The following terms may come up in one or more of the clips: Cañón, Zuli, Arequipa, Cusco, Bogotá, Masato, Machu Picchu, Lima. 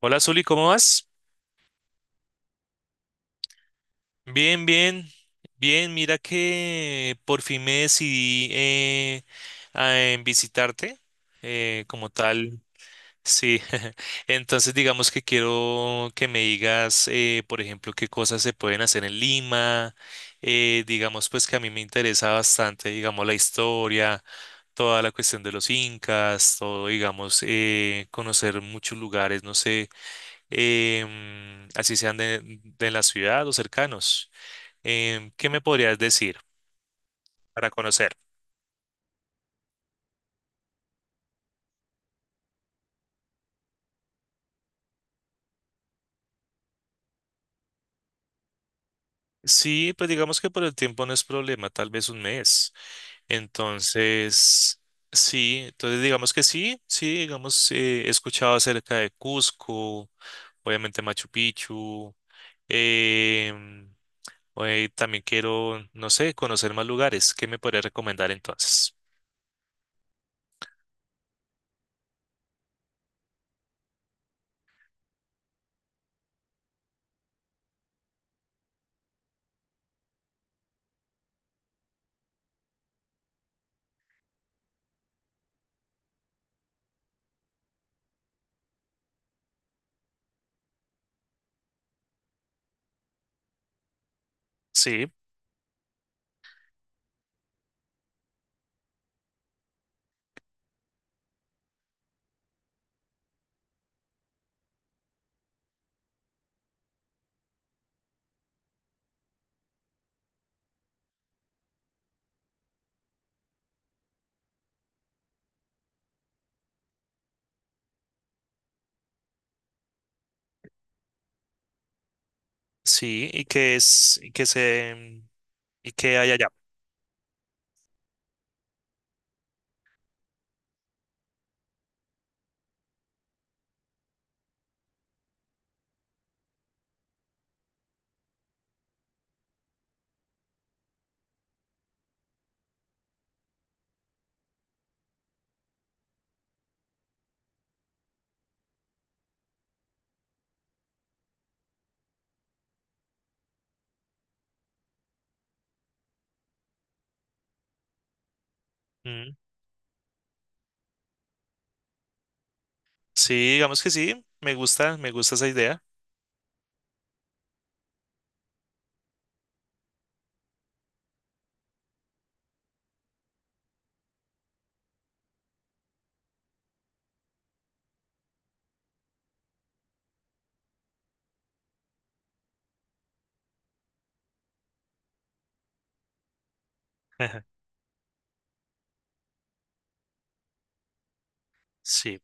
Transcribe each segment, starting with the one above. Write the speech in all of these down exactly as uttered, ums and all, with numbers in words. Hola, Zuli, ¿cómo vas? Bien, bien, bien. Mira que por fin me decidí eh, a en visitarte eh, como tal. Sí, entonces digamos que quiero que me digas, eh, por ejemplo, qué cosas se pueden hacer en Lima. eh, digamos pues que a mí me interesa bastante, digamos, la historia, toda la cuestión de los incas, todo, digamos, eh, conocer muchos lugares, no sé em, así sean de, de la ciudad o cercanos. Em, ¿qué me podrías decir para conocer? Sí, pues digamos que por el tiempo no es problema, tal vez un mes. Entonces, sí, entonces digamos que sí, sí, digamos, eh, he escuchado acerca de Cusco, obviamente Machu Picchu. em, eh, también quiero, no sé, conocer más lugares. ¿Qué me podrías recomendar entonces? Sí, sí, y qué es, y que se, y qué hay allá. Mm, sí, digamos que sí, me gusta, me gusta esa idea. Sí,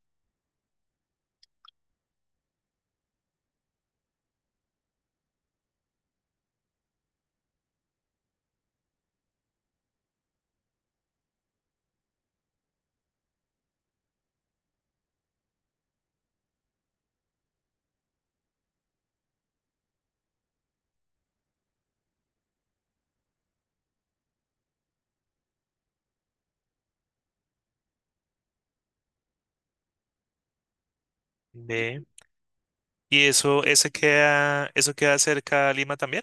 ve. ¿Y eso, ese queda, eso queda cerca a Lima también?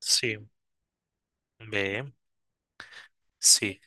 Sí, ve, sí.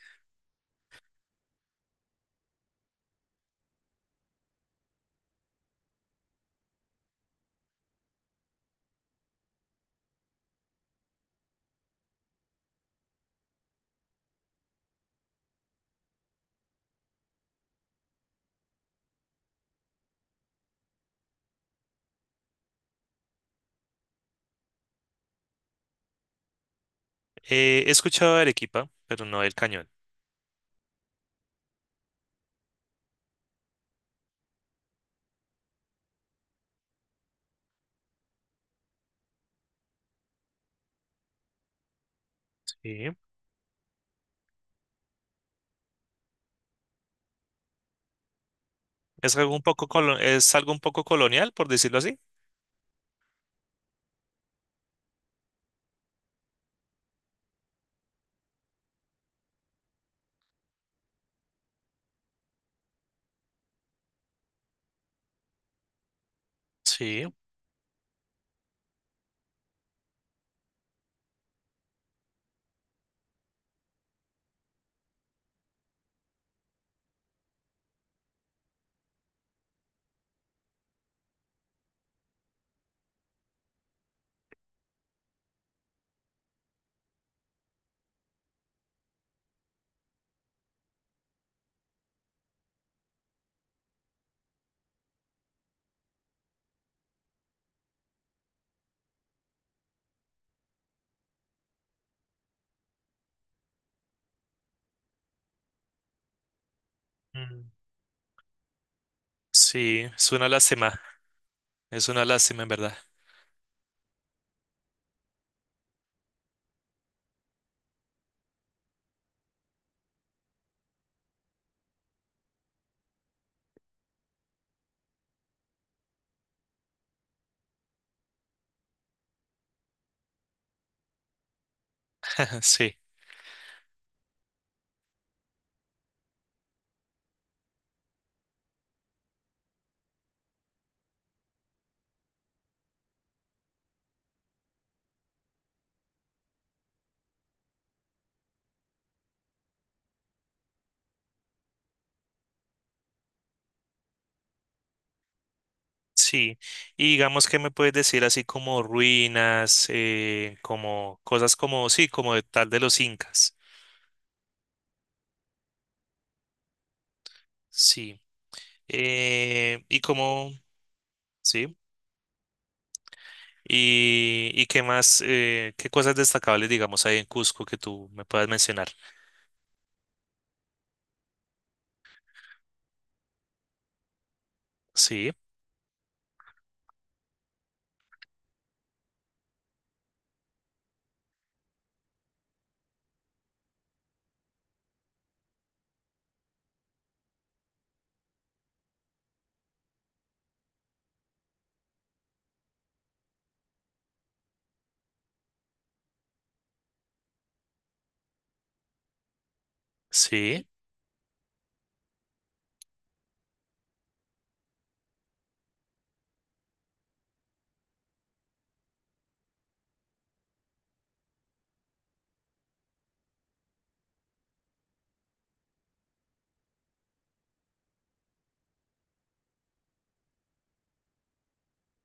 Eh, he escuchado de Arequipa, pero no del Cañón. Sí. Es algo un poco colo- es algo un poco colonial, por decirlo así. Sí. Mm, sí, es una lástima, es una lástima en verdad. Sí, sí. Y digamos que me puedes decir así como ruinas, eh, como cosas como, sí, como de tal de los incas. Sí. Eh, y como, sí. Y, y qué más, eh, qué cosas destacables, digamos, hay en Cusco que tú me puedas mencionar. Sí, sí.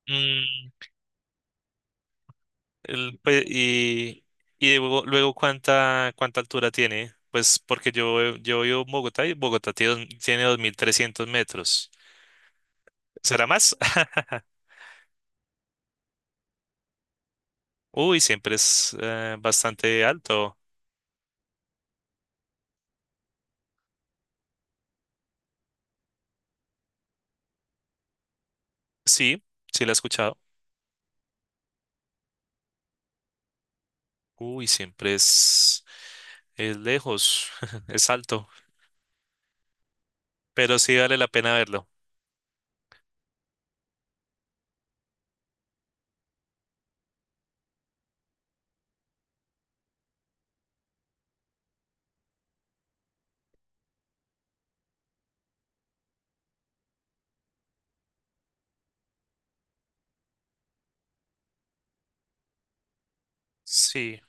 Mm, el- pues, y y luego, luego cuánta, cuánta altura tiene, pues porque yo, eh, yo vivo en Bogotá y Bogotá tiene, dos- tiene dos mil trescientos metros. ¿Será más? Uy, siempre es eh, bastante alto. Sí, sí la he escuchado. Uy, siempre es, es, lejos, es alto. Pero sí vale la pena verlo. Sí,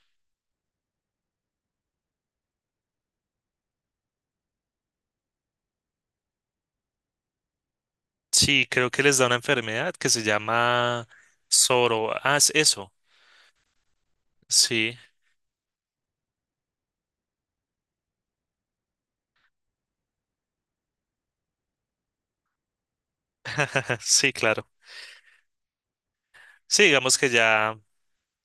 sí, creo que les da una enfermedad que se llama soro. Ah, es eso. Sí, sí, claro. Sí, digamos que ya,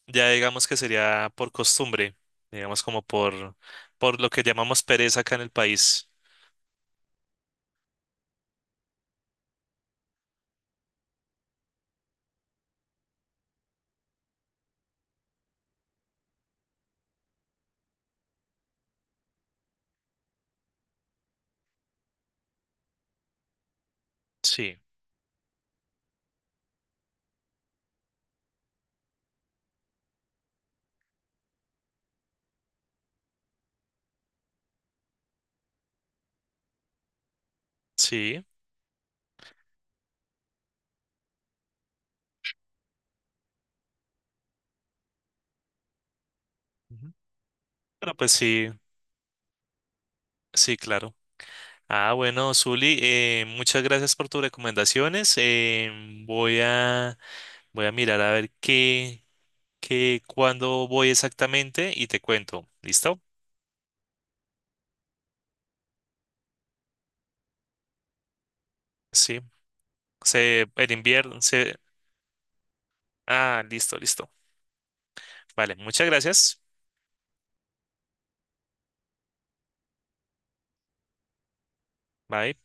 ya digamos que sería por costumbre, digamos como por, por lo que llamamos pereza acá en el país. Sí, sí. Ujú. Bueno, pues sí, sí, claro. Ah, bueno, Zuli, eh, muchas gracias por tus recomendaciones. Em, voy a, voy a mirar a ver qué, qué, cuándo voy exactamente y te cuento. ¿Listo? Sí. Se, el invierno, se, Ah, listo, listo. Vale, muchas gracias. Bye.